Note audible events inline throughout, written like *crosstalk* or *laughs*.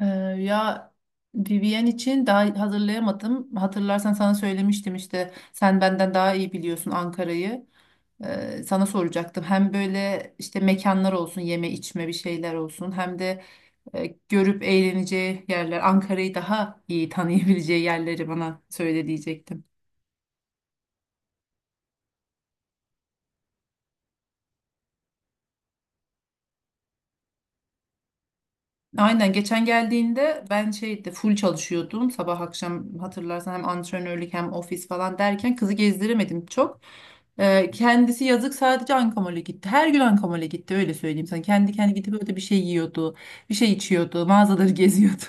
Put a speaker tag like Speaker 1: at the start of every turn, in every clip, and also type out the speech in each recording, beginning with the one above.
Speaker 1: Ee, Ya Vivien için daha hazırlayamadım. Hatırlarsan sana söylemiştim işte sen benden daha iyi biliyorsun Ankara'yı. Sana soracaktım. Hem böyle işte mekanlar olsun, yeme içme bir şeyler olsun. Hem de görüp eğleneceği yerler, Ankara'yı daha iyi tanıyabileceği yerleri bana söyle diyecektim. Aynen geçen geldiğinde ben şeydi full çalışıyordum sabah akşam hatırlarsan hem antrenörlük hem ofis falan derken kızı gezdiremedim çok. Kendisi yazık sadece Ankamol'e gitti. Her gün Ankamol'e gitti öyle söyleyeyim sana. Kendi kendi gidip öyle bir şey yiyordu, bir şey içiyordu, mağazaları *laughs* geziyordu.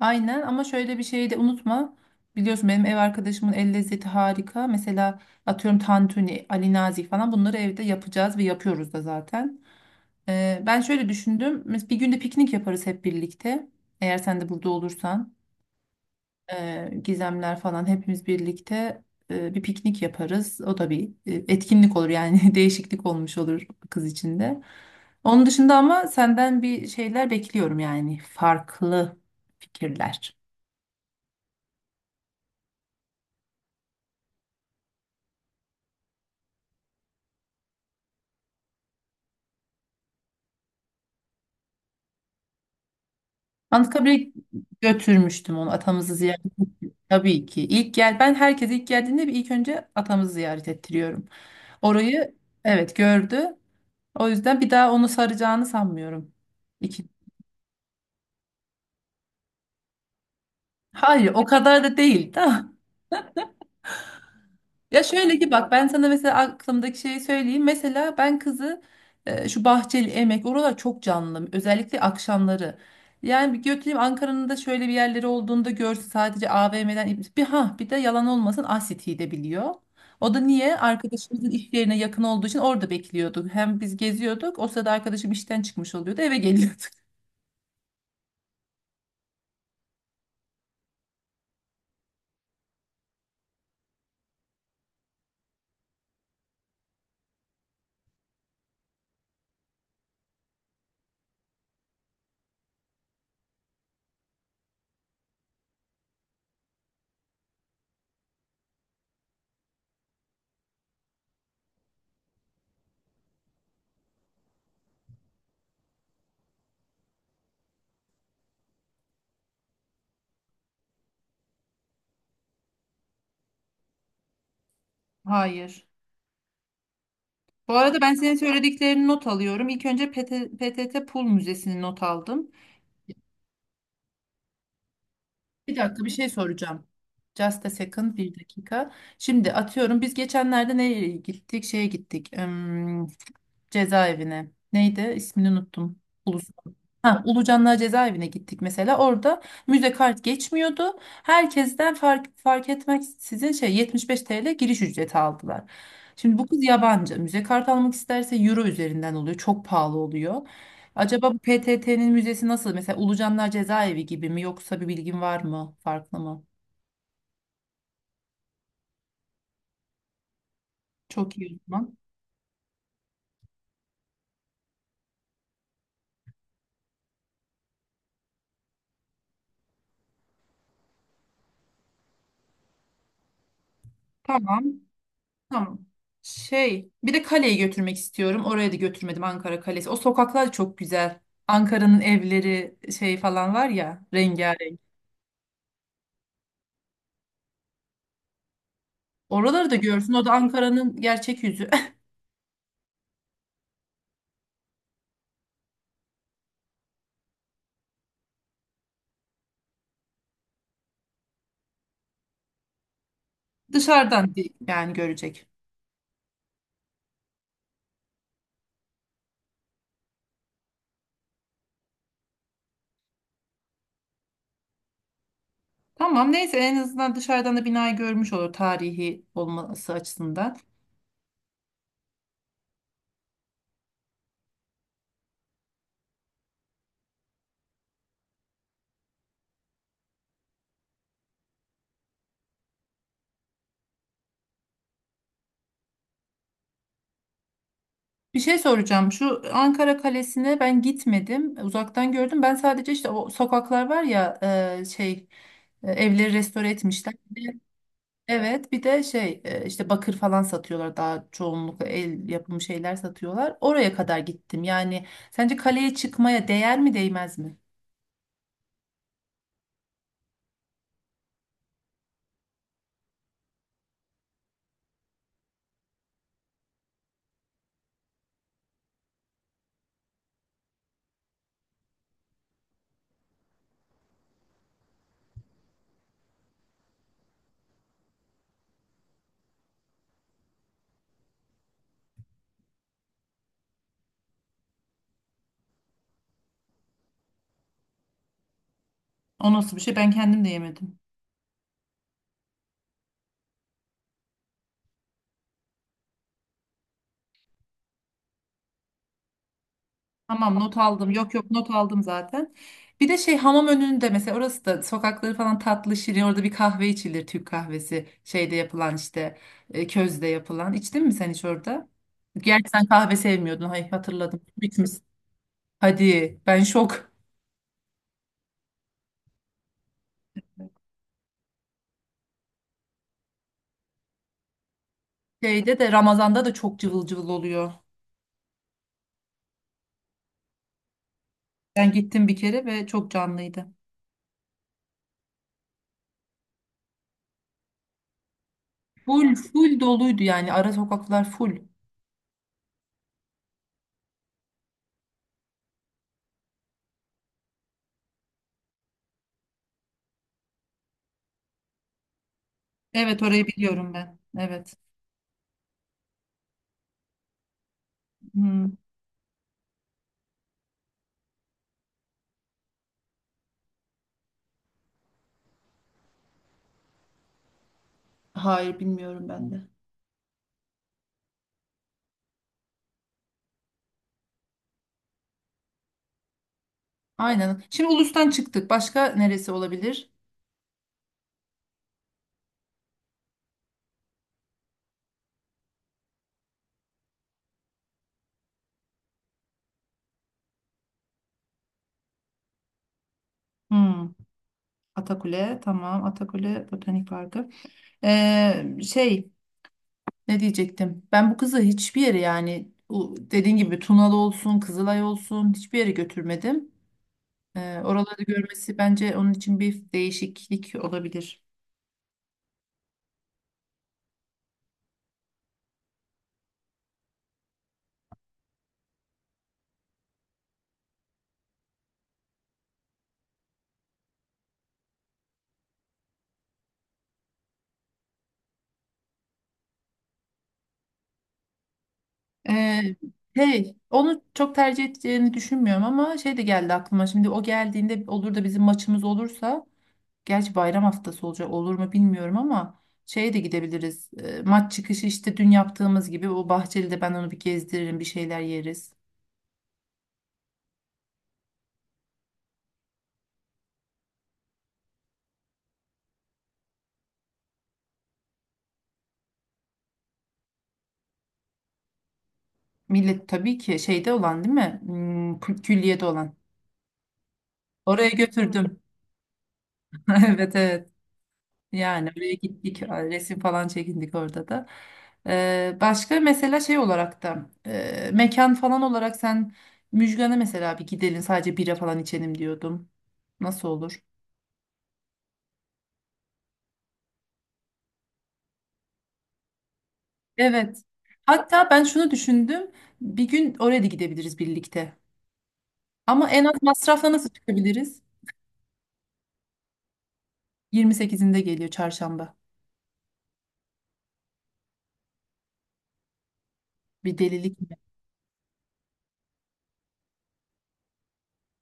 Speaker 1: Aynen ama şöyle bir şeyi de unutma. Biliyorsun benim ev arkadaşımın el lezzeti harika. Mesela atıyorum tantuni, Ali Nazik falan bunları evde yapacağız ve yapıyoruz da zaten. Ben şöyle düşündüm. Bir günde piknik yaparız hep birlikte. Eğer sen de burada olursan, Gizemler falan hepimiz birlikte bir piknik yaparız. O da bir etkinlik olur yani *laughs* değişiklik olmuş olur kız için de. Onun dışında ama senden bir şeyler bekliyorum yani farklı fikirler. Anıtkabir'e götürmüştüm onu, atamızı ziyaret ettim. Tabii ki. İlk gel ben herkese ilk geldiğinde bir ilk önce atamızı ziyaret ettiriyorum. Orayı, evet, gördü. O yüzden bir daha onu saracağını sanmıyorum. İki. Hayır, o kadar da değil. Da. Ya şöyle ki bak ben sana mesela aklımdaki şeyi söyleyeyim. Mesela ben kızı şu Bahçeli Emek oralar çok canlı. Özellikle akşamları. Yani bir götüreyim Ankara'nın da şöyle bir yerleri olduğunda görsün, sadece AVM'den bir, ha, bir de yalan olmasın Asiti'yi de biliyor. O da niye? Arkadaşımızın iş yerine yakın olduğu için orada bekliyorduk. Hem biz geziyorduk. O sırada arkadaşım işten çıkmış oluyordu. Eve geliyorduk. Hayır. Bu arada ben senin söylediklerini not alıyorum. İlk önce PTT Pul Müzesi'ni not aldım. Bir dakika bir şey soracağım. Just a second, bir dakika. Şimdi atıyorum biz geçenlerde nereye gittik? Şeye gittik. Hmm, cezaevine. Neydi? İsmini unuttum. Ulus. Ha, Ulucanlar cezaevine gittik mesela. Orada müze kart geçmiyordu. Herkesten fark etmek sizin şey 75 TL giriş ücreti aldılar. Şimdi bu kız yabancı. Müze kart almak isterse euro üzerinden oluyor. Çok pahalı oluyor. Acaba bu PTT'nin müzesi nasıl? Mesela Ulucanlar cezaevi gibi mi yoksa bir bilgin var mı? Farklı mı? Çok iyi o zaman. Tamam. Tamam. Şey, bir de kaleyi götürmek istiyorum. Oraya da götürmedim, Ankara Kalesi. O sokaklar çok güzel. Ankara'nın evleri şey falan var ya, rengarenk. Oraları da görsün. O da Ankara'nın gerçek yüzü. *laughs* Dışarıdan değil, yani görecek. Tamam, neyse en azından dışarıdan da binayı görmüş olur tarihi olması açısından. Bir şey soracağım. Şu Ankara Kalesi'ne ben gitmedim. Uzaktan gördüm. Ben sadece işte o sokaklar var ya, şey evleri restore etmişler. Evet, bir de şey işte bakır falan satıyorlar, daha çoğunlukla el yapımı şeyler satıyorlar. Oraya kadar gittim. Yani sence kaleye çıkmaya değer mi değmez mi? O nasıl bir şey? Ben kendim de yemedim. Tamam not aldım. Yok yok not aldım zaten. Bir de şey hamam önünde mesela, orası da sokakları falan tatlı şirin. Orada bir kahve içilir, Türk kahvesi. Şeyde yapılan işte közde yapılan. İçtin mi sen hiç orada? Gerçi sen kahve sevmiyordun. Hayır hatırladım. Bitmiş. Hadi ben şok. Şeyde de Ramazan'da da çok cıvıl cıvıl oluyor. Ben gittim bir kere ve çok canlıydı. Full full doluydu yani, ara sokaklar full. Evet orayı biliyorum ben. Evet. Hmm, hayır bilmiyorum ben de. Aynen. Şimdi Ulus'tan çıktık. Başka neresi olabilir? Hmm. Atakule tamam. Atakule Botanik Parkı. Şey ne diyecektim? Ben bu kızı hiçbir yere, yani dediğin gibi Tunalı olsun, Kızılay olsun, hiçbir yere götürmedim. Oraları görmesi bence onun için bir değişiklik olabilir. Ee, Hey, onu çok tercih edeceğini düşünmüyorum ama şey de geldi aklıma. Şimdi o geldiğinde olur da bizim maçımız olursa, gerçi bayram haftası olacak olur mu bilmiyorum ama şeye de gidebiliriz. Maç çıkışı işte dün yaptığımız gibi o Bahçeli'de ben onu bir gezdiririm, bir şeyler yeriz. Millet tabii ki şeyde olan değil mi? Hmm, külliyede olan. Oraya götürdüm. *laughs* Evet evet. Yani oraya gittik, resim falan çekindik orada da. Başka mesela şey olarak da mekan falan olarak sen Müjgan'a mesela bir gidelim, sadece bira falan içelim diyordum. Nasıl olur? Evet. Hatta ben şunu düşündüm. Bir gün oraya da gidebiliriz birlikte. Ama en az masrafla nasıl çıkabiliriz? 28'inde geliyor, çarşamba. Bir delilik mi?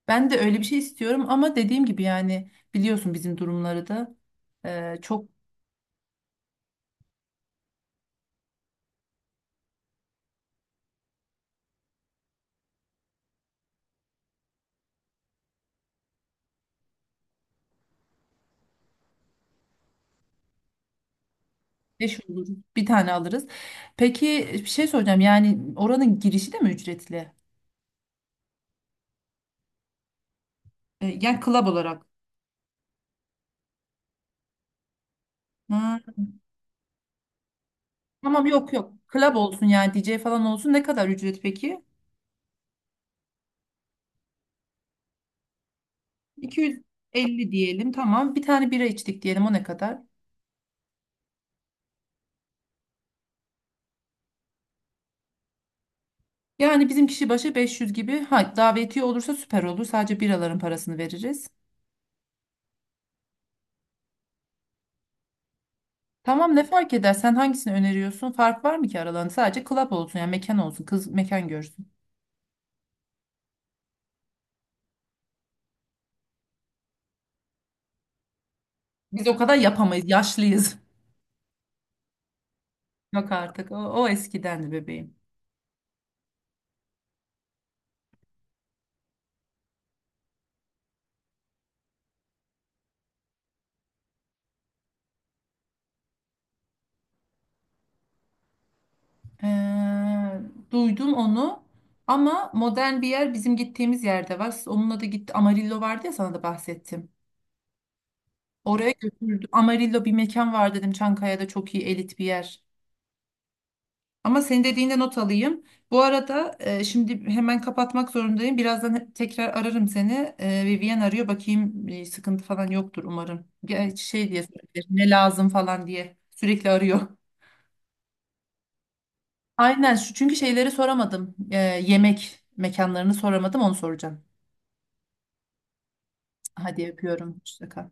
Speaker 1: Ben de öyle bir şey istiyorum ama dediğim gibi yani biliyorsun bizim durumları da çok. Beş olur. Bir tane alırız. Peki bir şey soracağım. Yani oranın girişi de mi ücretli? E, yani club olarak. Ha, tamam yok yok. Club olsun yani DJ falan olsun. Ne kadar ücret peki? 250 diyelim, tamam. Bir tane bira içtik diyelim o ne kadar? Yani bizim kişi başı 500 gibi. Ha, davetiye olursa süper olur. Sadece biraların parasını veririz. Tamam ne fark eder? Sen hangisini öneriyorsun? Fark var mı ki aralarında? Sadece club olsun yani, mekan olsun. Kız mekan görsün. Biz o kadar yapamayız. Yaşlıyız. Yok artık. O, o eskidendi bebeğim. Ee, Duydum onu. Ama modern bir yer bizim gittiğimiz yerde var. Siz onunla da gitti. Amarillo vardı ya, sana da bahsettim. Oraya götürdüm. Amarillo bir mekan var dedim. Çankaya'da çok iyi, elit bir yer. Ama senin dediğinde not alayım. Bu arada şimdi hemen kapatmak zorundayım. Birazdan tekrar ararım seni. Vivian arıyor. Bakayım sıkıntı falan yoktur umarım. Gerçi şey diye sorabilir. Ne lazım falan diye. Sürekli arıyor. Aynen şu çünkü şeyleri soramadım. Yemek mekanlarını soramadım, onu soracağım. Hadi yapıyorum. Hoşça kal.